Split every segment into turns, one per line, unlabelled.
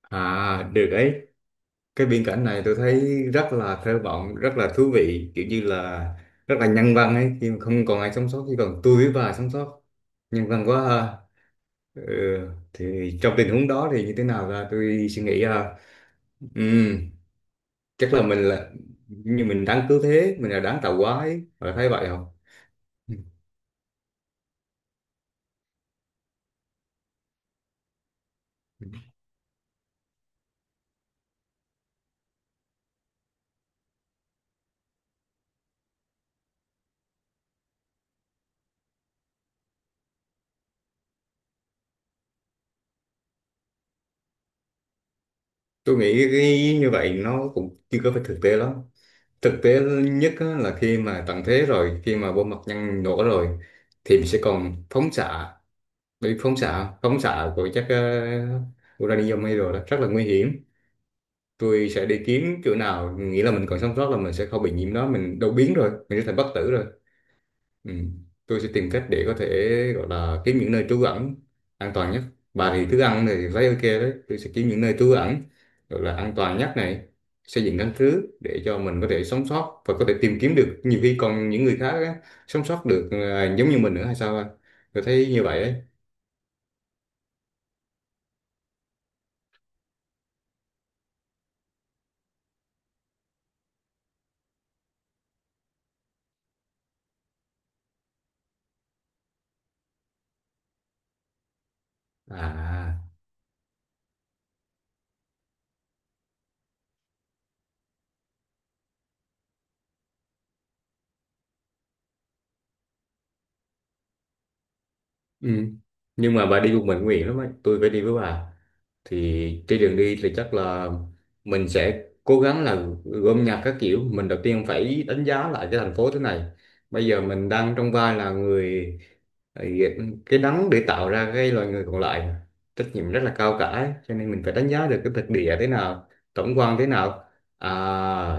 À, được ấy. Cái biên cảnh này tôi thấy rất là thơ vọng, rất là thú vị, kiểu như là rất là nhân văn ấy, khi mà không còn ai sống sót, chỉ còn tôi với bà sống sót. Nhân văn quá ha. Ừ, thì trong tình huống đó thì như thế nào ra tôi suy nghĩ ha. Ừm, chắc là mình như mình đáng cứu thế, mình là đáng tạo hóa ấy, bà thấy vậy không? Ừ. Tôi nghĩ cái như vậy nó cũng chưa có phải thực tế lắm. Thực tế nhất á, là khi mà tận thế rồi, khi mà bom hạt nhân nổ rồi, thì mình sẽ còn phóng xạ, bị phóng xạ, của chất uranium hay rồi đó, rất là nguy hiểm. Tôi sẽ đi kiếm chỗ nào nghĩ là mình còn sống sót, là mình sẽ không bị nhiễm đó, mình đâu biến rồi mình sẽ thành bất tử rồi. Ừ. Tôi sẽ tìm cách để có thể gọi là kiếm những nơi trú ẩn an toàn nhất. Bà thì thức ăn thì thấy ok đấy. Tôi sẽ kiếm những nơi trú ẩn gọi là an toàn nhất này, xây dựng căn cứ để cho mình có thể sống sót, và có thể tìm kiếm được nhiều khi còn những người khác á, sống sót được à, giống như mình nữa hay sao anh? Tôi thấy như vậy đấy. À. Ừ. Nhưng mà bà đi một mình nguy hiểm lắm ấy. Tôi phải đi với bà. Thì trên đường đi thì chắc là mình sẽ cố gắng là gom nhặt các kiểu. Mình đầu tiên phải đánh giá lại cái thành phố thế này. Bây giờ mình đang trong vai là người cái nắng để tạo ra cái loài người còn lại. Trách nhiệm rất là cao cả ấy. Cho nên mình phải đánh giá được cái thực địa thế nào, tổng quan thế nào. À,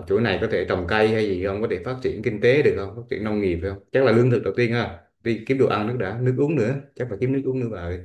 chỗ này có thể trồng cây hay gì không? Có thể phát triển kinh tế được không? Phát triển nông nghiệp được không? Chắc là lương thực đầu tiên ha, đi kiếm đồ ăn, nước đã, nước uống nữa, chắc phải kiếm nước uống nữa bà ơi.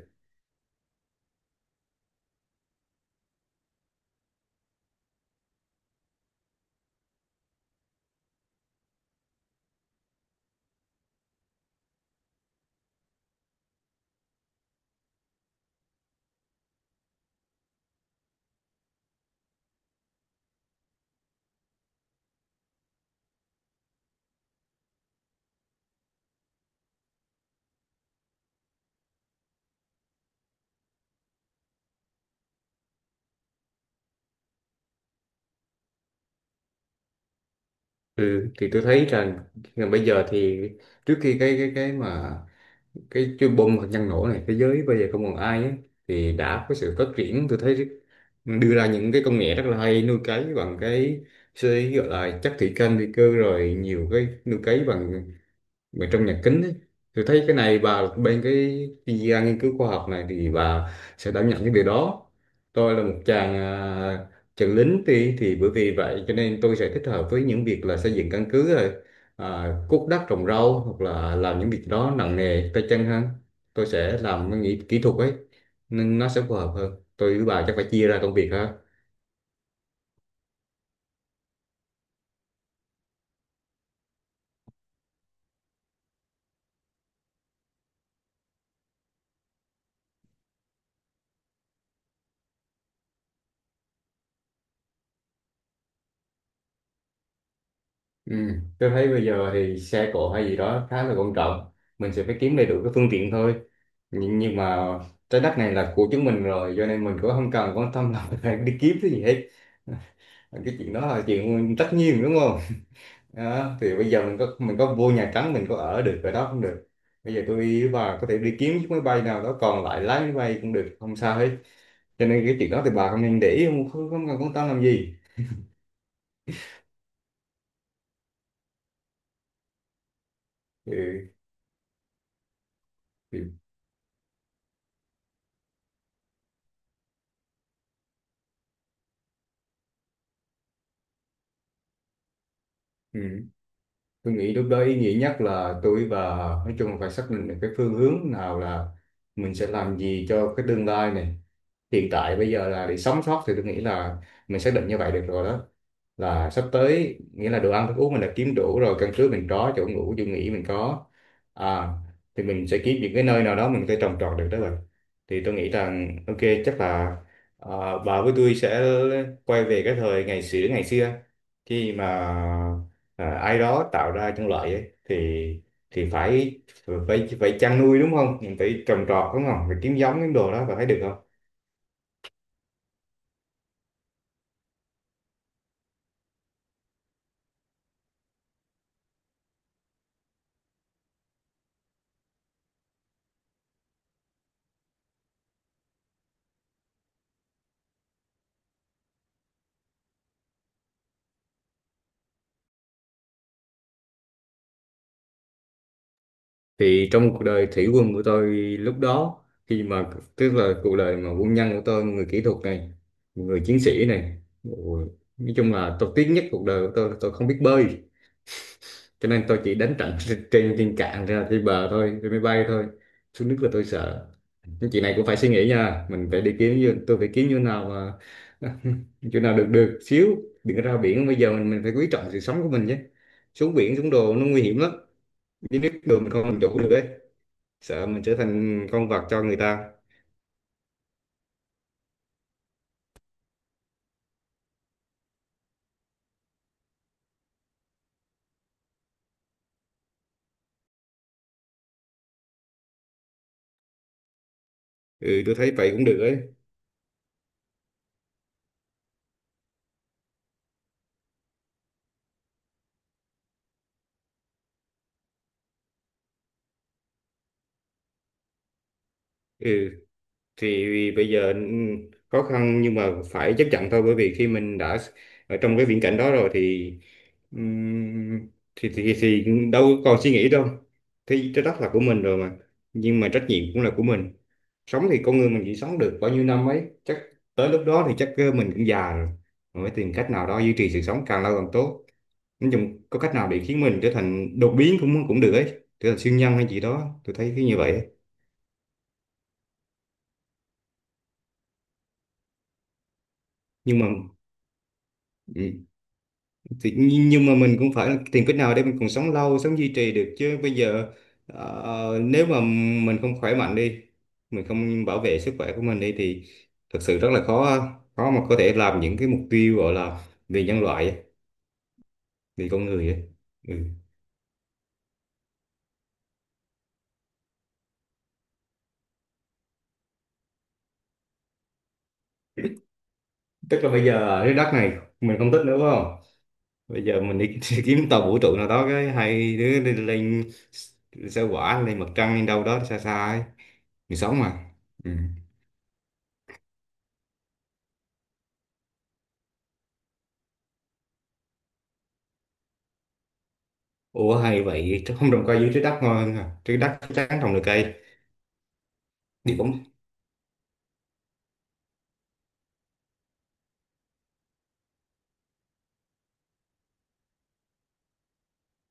Ừ, thì tôi thấy rằng là bây giờ thì trước khi cái mà cái chuyên bom hạt nhân nổ này, thế giới bây giờ không còn ai ấy, thì đã có sự phát triển, tôi thấy đưa ra những cái công nghệ rất là hay, nuôi cấy bằng cái gọi là chất thủy canh vi cơ, rồi nhiều cái nuôi cấy bằng mà trong nhà kính ấy, tôi thấy cái này bà bên cái chuyên gia nghiên cứu khoa học này thì bà sẽ đảm nhận cái điều đó. Tôi là một chàng lính thì bởi vì vậy cho nên tôi sẽ thích hợp với những việc là xây dựng căn cứ rồi à, cuốc đất trồng rau, hoặc là làm những việc đó nặng nề tay chân hơn. Tôi sẽ làm cái kỹ thuật ấy, nên nó sẽ phù hợp hơn. Tôi với bà chắc phải chia ra công việc ha. Ừ. Tôi thấy bây giờ thì xe cộ hay gì đó khá là quan trọng, mình sẽ phải kiếm đầy đủ cái phương tiện thôi. Nhưng mà trái đất này là của chúng mình rồi, cho nên mình cũng không cần quan tâm là phải đi kiếm cái gì hết. Ờ, cái chuyện đó là chuyện tất nhiên, đúng không? Đó, thì bây giờ mình có vô Nhà Trắng mình có ở được ở đó không được. Bây giờ tôi và có thể đi kiếm chiếc máy bay nào đó còn lại, lái máy bay cũng được, không sao hết. Cho nên cái chuyện đó thì bà không nên để ý, không cần quan tâm làm gì. Ừ. Ừ. Ừ. Tôi nghĩ lúc đó ý nghĩa nhất là tôi và nói chung là phải xác định được cái phương hướng nào là mình sẽ làm gì cho cái tương lai này. Hiện tại bây giờ là để sống sót, thì tôi nghĩ là mình xác định như vậy được rồi đó, là sắp tới nghĩa là đồ ăn thức uống mình đã kiếm đủ rồi, căn cứ mình có, chỗ ngủ chỗ nghỉ mình có à, thì mình sẽ kiếm những cái nơi nào đó mình có thể trồng trọt được đó rồi, thì tôi nghĩ rằng ok, chắc là à, bà với tôi sẽ quay về cái thời ngày xưa ngày xưa, khi mà à, ai đó tạo ra trong loại ấy, thì phải phải phải chăn nuôi đúng không, mình phải trồng trọt đúng không, phải kiếm giống những đồ đó, và thấy được không? Thì trong cuộc đời thủy quân của tôi lúc đó, khi mà tức là cuộc đời mà quân nhân của tôi, người kỹ thuật này, người chiến sĩ này, ôi, nói chung là tôi tiếc nhất cuộc đời của tôi là tôi không biết bơi, cho nên tôi chỉ đánh trận trên trên trên cạn ra trên bờ thôi, trên máy bay thôi. Xuống nước là tôi sợ. Nhưng chị này cũng phải suy nghĩ nha, mình phải đi kiếm, như tôi phải kiếm như nào mà chỗ nào được được xíu. Đừng có ra biển bây giờ, mình phải quý trọng sự sống của mình chứ. Xuống biển xuống đồ nó nguy hiểm lắm. Đi nước đồ mình không làm chủ được ấy. Sợ mình trở thành con vật cho người ta. Ừ, tôi thấy vậy cũng được ấy. Ừ, thì bây giờ ừ, khó khăn nhưng mà phải chấp nhận thôi, bởi vì khi mình đã ở trong cái viễn cảnh đó rồi thì ừm, thì đâu còn suy nghĩ đâu, thì trái đất là của mình rồi mà, nhưng mà trách nhiệm cũng là của mình. Sống thì con người mình chỉ sống được bao nhiêu năm ấy, chắc tới lúc đó thì chắc ờ, mình cũng già rồi. Mình phải tìm cách nào đó duy trì sự sống càng lâu càng tốt. Nói chung có cách nào để khiến mình trở thành đột biến cũng cũng được ấy, trở thành siêu nhân hay gì đó, tôi thấy cái như vậy ấy. Nhưng mà ừ, thì nhưng mà mình cũng phải tìm cách nào để mình còn sống lâu, sống duy trì được chứ. Bây giờ nếu mà mình không khỏe mạnh đi, mình không bảo vệ sức khỏe của mình đi, thì thật sự rất là khó, khó mà có thể làm những cái mục tiêu gọi là vì nhân loại ấy, vì con người ấy. Ừ. Tức là bây giờ cái đất này mình không thích nữa phải không? Bây giờ mình đi kiếm tàu vũ trụ nào đó, cái hai đứa đi lên sao hỏa, lên mặt trăng, lên đâu đó xa xa ấy, mình sống mà. Ừ. Ủa hay vậy chứ, không trồng cây dưới trái đất ngon hơn à? Trái đất chắc chắn trồng được cây. Thì cũng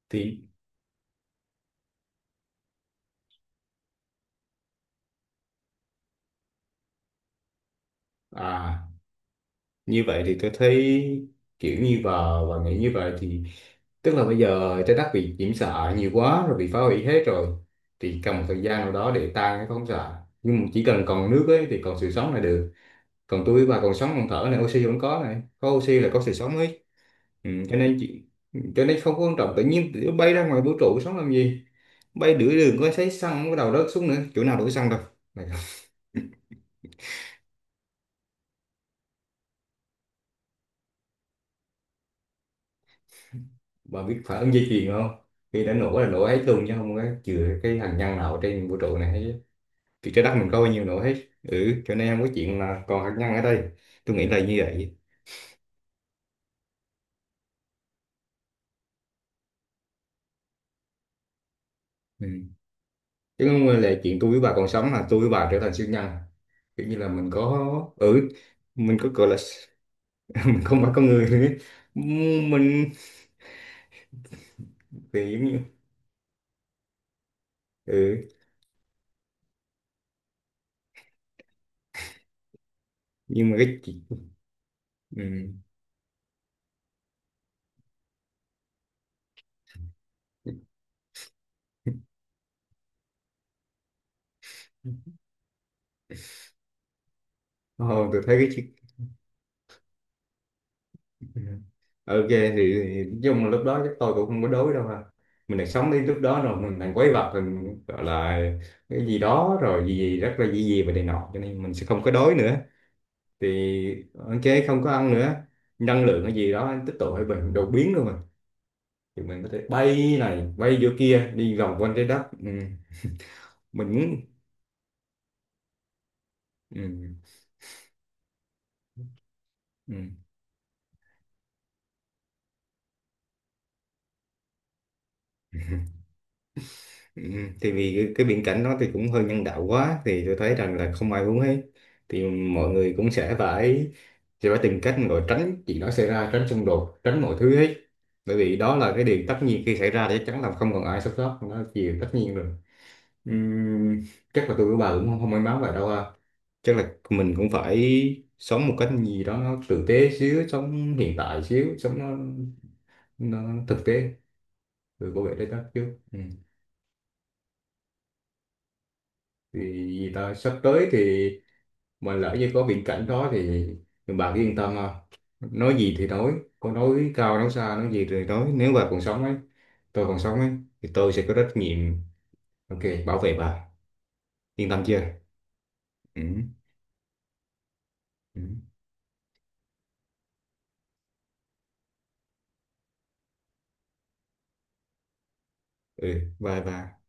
thì à, như vậy thì tôi thấy kiểu như và nghĩ như vậy thì tức là bây giờ trái đất bị nhiễm xạ nhiều quá rồi, bị phá hủy hết rồi, thì cần một thời gian nào đó để tan cái phóng xạ, nhưng mà chỉ cần còn nước ấy thì còn sự sống là được. Còn tôi và còn sống còn thở này, oxy vẫn có này, có oxy là có sự sống ấy. Ừ, cho nên chị cho nên không có quan trọng, tự nhiên tụi bay ra ngoài vũ trụ sống làm gì, bay nửa đường có thấy xăng cái đầu rớt xuống nữa, chỗ nào đổ xăng đâu. Bà biết phản ứng dây chuyền không? Khi đã nổ là nổ hết luôn, chứ không có chừa cái hạt nhân nào trên vũ trụ này hết chứ. Thì trái đất mình có bao nhiêu nổ hết. Ừ, cho nên không có chuyện là còn hạt nhân ở đây, tôi nghĩ là như vậy. Ừ. Chứ không là chuyện tôi với bà còn sống là tôi với bà trở thành siêu nhân, kiểu như là mình có ừ mình có gọi là mình không phải con người nữa. Mình thì giống như ừ, nhưng mà cái chị ừ. Ồ, tôi thấy cái chiếc ừ. Ok thì, nói chung là lúc đó chắc tôi cũng không có đối đâu ha, mình đang sống đến lúc đó rồi, mình đang quấy vật mình gọi là cái gì đó rồi, gì gì rất là gì gì và này nọ, cho nên mình sẽ không có đói nữa, thì ok không có ăn nữa. Năng lượng cái gì đó tích tụ hay mình đột biến luôn rồi, thì mình có thể bay này bay vô kia đi vòng quanh trái đất. Ừ. Mình muốn ừ. Ừ. Ừ, thì cái viễn cảnh đó thì cũng hơi nhân đạo quá, thì tôi thấy rằng là không ai muốn ấy, thì mọi người cũng sẽ phải tìm cách gọi tránh chuyện đó xảy ra, tránh xung đột, tránh mọi thứ hết, bởi vì đó là cái điều tất nhiên. Khi xảy ra thì chắc chắn là không còn ai sống sót, nó là điều tất nhiên rồi. Ừm, chắc là tôi với bà cũng không may mắn vậy đâu ha. Chắc là mình cũng phải sống một cách gì đó nó tử tế xíu, sống hiện tại xíu, sống nó thực tế, rồi bảo vệ trái đất chứ. Ừ. Thì vì ta sắp tới thì mà lỡ như có viễn cảnh đó thì bà cứ yên tâm ha. Nói gì thì nói, có nói cao nói xa nói gì thì nói, nếu bà còn sống ấy, tôi còn sống ấy, thì tôi sẽ có trách nhiệm ok bảo vệ bà. Yên tâm chưa? Ừ. Ừ, ừ, bye bye.